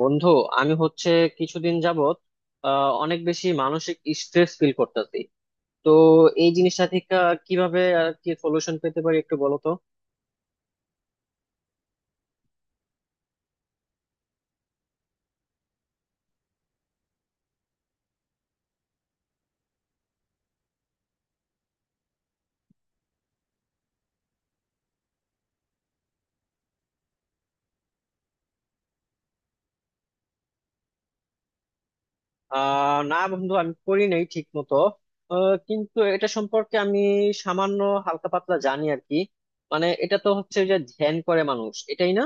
বন্ধু, আমি হচ্ছে কিছুদিন যাবত অনেক বেশি মানসিক স্ট্রেস ফিল করতেছি। তো এই জিনিসটা থেকে কিভাবে আর কি সলিউশন পেতে পারি একটু বলো তো। না বন্ধু, আমি করি নাই ঠিক মতো। কিন্তু এটা সম্পর্কে আমি সামান্য হালকা পাতলা জানি আর কি। মানে এটা তো হচ্ছে যে ধ্যান করে মানুষ, এটাই না?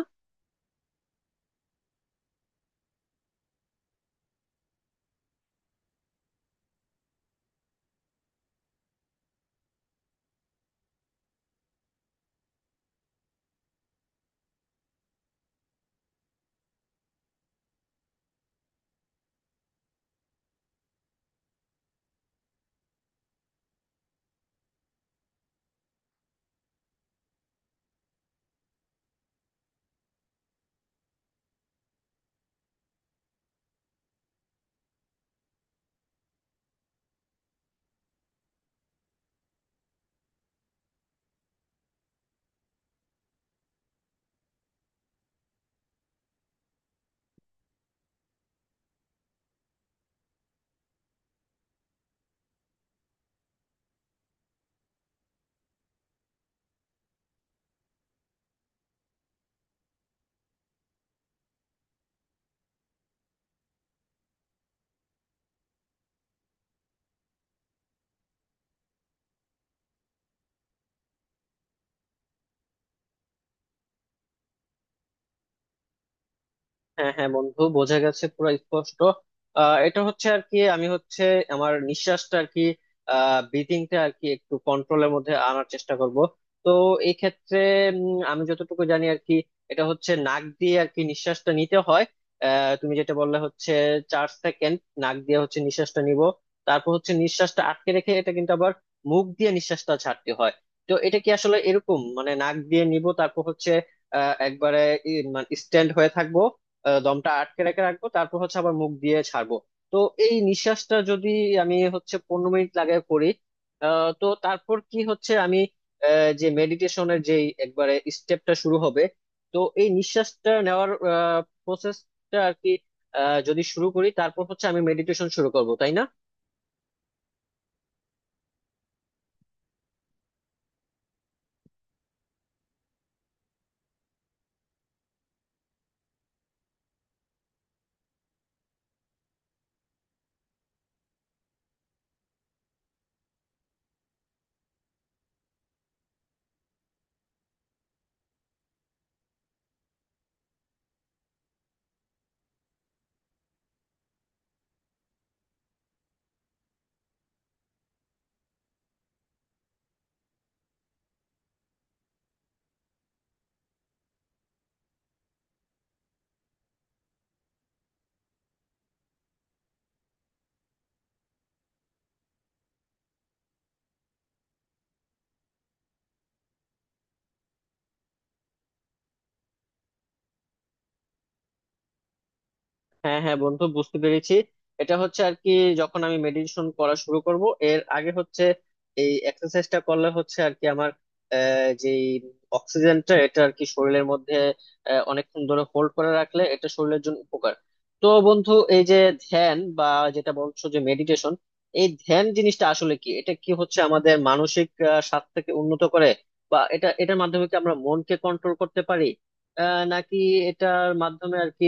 হ্যাঁ হ্যাঁ বন্ধু, বোঝা গেছে পুরো স্পষ্ট। এটা হচ্ছে আর কি, আমি হচ্ছে আমার নিঃশ্বাসটা আর কি, ব্রিদিংটা আর কি একটু কন্ট্রোলের মধ্যে আনার চেষ্টা করব। তো এই ক্ষেত্রে আমি যতটুকু জানি আর কি, এটা হচ্ছে নাক দিয়ে আর কি নিঃশ্বাসটা নিতে হয়। তুমি যেটা বললে হচ্ছে 4 সেকেন্ড নাক দিয়ে হচ্ছে নিঃশ্বাসটা নিব, তারপর হচ্ছে নিঃশ্বাসটা আটকে রেখে এটা কিন্তু আবার মুখ দিয়ে নিঃশ্বাসটা ছাড়তে হয়। তো এটা কি আসলে এরকম, মানে নাক দিয়ে নিব, তারপর হচ্ছে একবারে স্ট্যান্ড হয়ে থাকবো, দমটা আটকে রেখে রাখবো, তারপর হচ্ছে আবার মুখ দিয়ে ছাড়বো। তো এই নিঃশ্বাসটা যদি আমি হচ্ছে 15 মিনিট লাগায় করি, তো তারপর কি হচ্ছে আমি যে মেডিটেশনের যে একবারে স্টেপটা শুরু হবে। তো এই নিঃশ্বাসটা নেওয়ার প্রসেসটা আর কি যদি শুরু করি, তারপর হচ্ছে আমি মেডিটেশন শুরু করব, তাই না? হ্যাঁ হ্যাঁ বন্ধু, বুঝতে পেরেছি। এটা হচ্ছে আর কি, যখন আমি মেডিটেশন করা শুরু করব এর আগে হচ্ছে এই এক্সারসাইজটা করলে হচ্ছে আর কি আমার যে অক্সিজেনটা এটা আর কি শরীরের মধ্যে অনেকক্ষণ ধরে হোল্ড করে রাখলে এটা শরীরের জন্য উপকার। তো বন্ধু, এই যে ধ্যান বা যেটা বলছো যে মেডিটেশন, এই ধ্যান জিনিসটা আসলে কি? এটা কি হচ্ছে আমাদের মানসিক স্বাস্থ্যকে উন্নত করে, বা এটা এটার মাধ্যমে কি আমরা মনকে কন্ট্রোল করতে পারি, নাকি এটার মাধ্যমে আর কি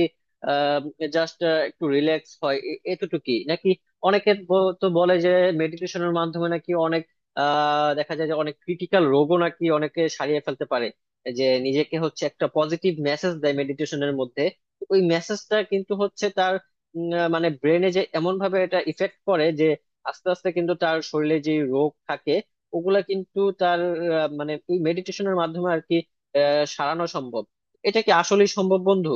জাস্ট একটু রিল্যাক্স হয় এতটুকুই? নাকি অনেকে তো বলে যে মেডিটেশনের মাধ্যমে নাকি অনেক দেখা যায় যে অনেক ক্রিটিক্যাল রোগও নাকি অনেকে সারিয়ে ফেলতে পারে, যে নিজেকে হচ্ছে একটা পজিটিভ মেসেজ দেয় মেডিটেশনের মধ্যে। ওই মেসেজটা কিন্তু হচ্ছে তার মানে ব্রেনে যে এমন ভাবে এটা ইফেক্ট করে যে আস্তে আস্তে কিন্তু তার শরীরে যে রোগ থাকে ওগুলা কিন্তু তার মানে ওই মেডিটেশনের মাধ্যমে আর কি সারানো সম্ভব। এটা কি আসলেই সম্ভব বন্ধু?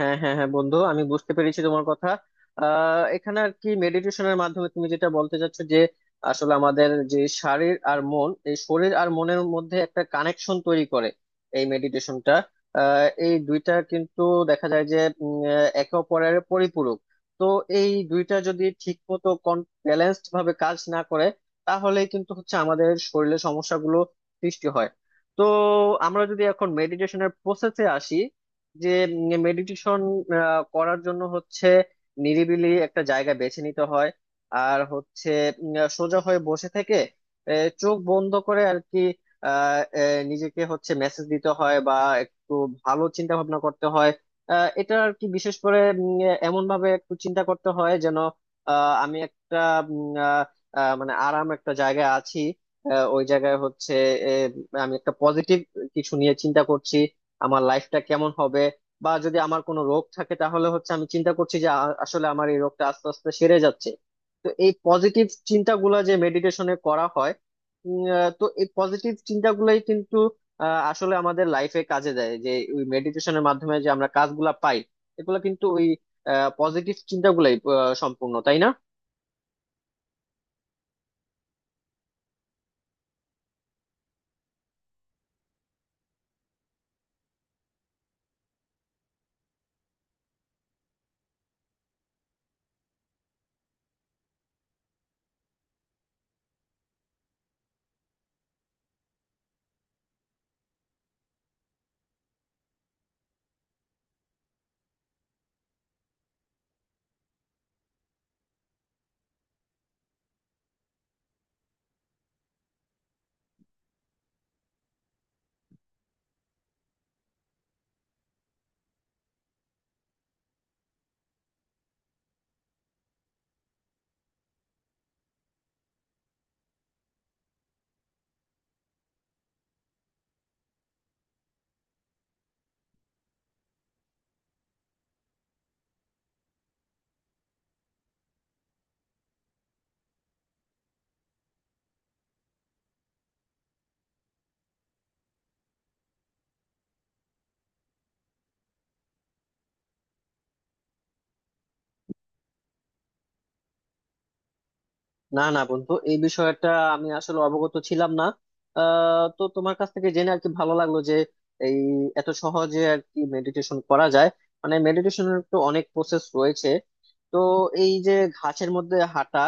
হ্যাঁ হ্যাঁ হ্যাঁ বন্ধু, আমি বুঝতে পেরেছি তোমার কথা। এখানে আর কি মেডিটেশনের মাধ্যমে তুমি যেটা বলতে চাচ্ছ যে আসলে আমাদের যে শরীর আর মন, এই শরীর আর মনের মধ্যে একটা কানেকশন তৈরি করে এই মেডিটেশনটা। এই দুইটা কিন্তু দেখা যায় যে একে অপরের পরিপূরক। তো এই দুইটা যদি ঠিক মতো ব্যালেন্সড ভাবে কাজ না করে, তাহলে কিন্তু হচ্ছে আমাদের শরীরে সমস্যাগুলো সৃষ্টি হয়। তো আমরা যদি এখন মেডিটেশনের প্রসেসে আসি, যে মেডিটেশন করার জন্য হচ্ছে নিরিবিলি একটা জায়গা বেছে নিতে হয়, আর হচ্ছে সোজা হয়ে বসে থেকে চোখ বন্ধ করে আর কি আহ, আহ, নিজেকে হচ্ছে মেসেজ দিতে হয় বা একটু ভালো চিন্তা ভাবনা করতে হয়। এটা আর কি বিশেষ করে এমন ভাবে একটু চিন্তা করতে হয় যেন আমি একটা উম, আহ, মানে আরাম একটা জায়গায় আছি। ওই জায়গায় হচ্ছে আহ, আমি একটা পজিটিভ কিছু নিয়ে চিন্তা করছি, আমার লাইফটা কেমন হবে, বা যদি আমার কোনো রোগ থাকে তাহলে হচ্ছে আমি চিন্তা করছি যে আসলে আমার এই রোগটা আস্তে আস্তে সেরে যাচ্ছে। তো এই পজিটিভ চিন্তাগুলো যে মেডিটেশনে করা হয়, তো এই পজিটিভ চিন্তাগুলোই কিন্তু আসলে আমাদের লাইফে কাজে দেয়, যে ওই মেডিটেশনের মাধ্যমে যে আমরা কাজগুলা পাই এগুলো কিন্তু ওই পজিটিভ চিন্তাগুলাই সম্পূর্ণ, তাই না? না না বন্ধু, এই বিষয়টা আমি আসলে অবগত ছিলাম না। তো তোমার কাছ থেকে জেনে আর কি ভালো লাগলো যে এই এত সহজে আর কি মেডিটেশন করা যায়। মানে মেডিটেশনের তো অনেক প্রসেস রয়েছে। তো এই যে ঘাসের মধ্যে হাঁটা,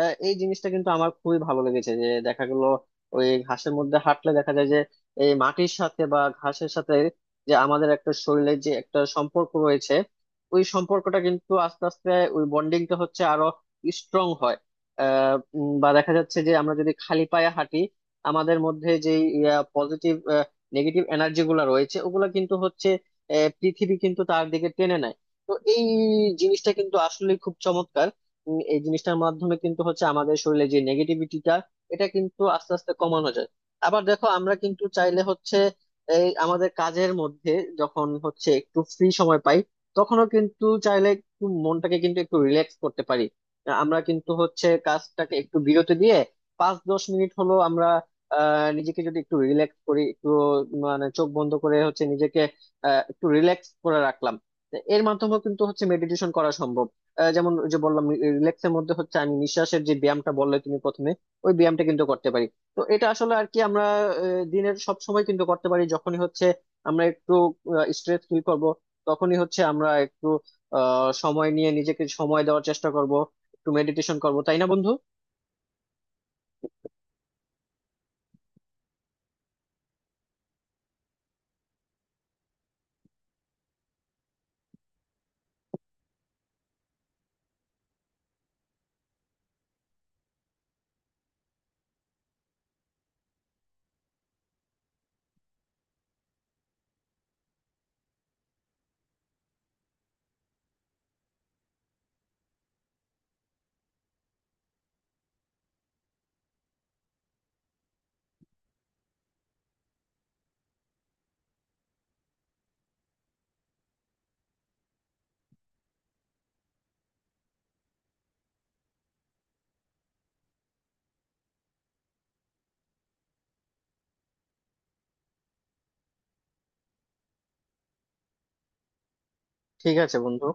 এই জিনিসটা কিন্তু আমার খুবই ভালো লেগেছে। যে দেখা গেল ওই ঘাসের মধ্যে হাঁটলে দেখা যায় যে এই মাটির সাথে বা ঘাসের সাথে যে আমাদের একটা শরীরের যে একটা সম্পর্ক রয়েছে, ওই সম্পর্কটা কিন্তু আস্তে আস্তে, ওই বন্ডিংটা হচ্ছে আরো স্ট্রং হয়। বা দেখা যাচ্ছে যে আমরা যদি খালি পায়ে হাঁটি, আমাদের মধ্যে যে পজিটিভ নেগেটিভ এনার্জি গুলা রয়েছে ওগুলা কিন্তু হচ্ছে পৃথিবী কিন্তু তার দিকে টেনে নেয়। তো এই জিনিসটা কিন্তু আসলে খুব চমৎকার। এই জিনিসটার মাধ্যমে কিন্তু হচ্ছে আমাদের শরীরে যে নেগেটিভিটিটা এটা কিন্তু আস্তে আস্তে কমানো যায়। আবার দেখো, আমরা কিন্তু চাইলে হচ্ছে এই আমাদের কাজের মধ্যে যখন হচ্ছে একটু ফ্রি সময় পাই, তখনও কিন্তু চাইলে একটু মনটাকে কিন্তু একটু রিল্যাক্স করতে পারি। আমরা কিন্তু হচ্ছে কাজটাকে একটু বিরতি দিয়ে 5-10 মিনিট হলো আমরা নিজেকে যদি একটু রিল্যাক্স করি, একটু মানে চোখ বন্ধ করে হচ্ছে নিজেকে একটু রিল্যাক্স করে রাখলাম, তো এর মাধ্যমেও কিন্তু হচ্ছে মেডিটেশন করা সম্ভব। যেমন ওই যে বললাম, রিল্যাক্সের মধ্যে হচ্ছে আমি নিঃশ্বাসের যে ব্যায়ামটা বললে তুমি প্রথমে, ওই ব্যায়ামটা কিন্তু করতে পারি। তো এটা আসলে আর কি আমরা দিনের সব সময় কিন্তু করতে পারি। যখনই হচ্ছে আমরা একটু স্ট্রেস ফিল করব, তখনই হচ্ছে আমরা একটু সময় নিয়ে নিজেকে সময় দেওয়ার চেষ্টা করব, একটু মেডিটেশন করবো, তাই না বন্ধু? ঠিক আছে বন্ধু।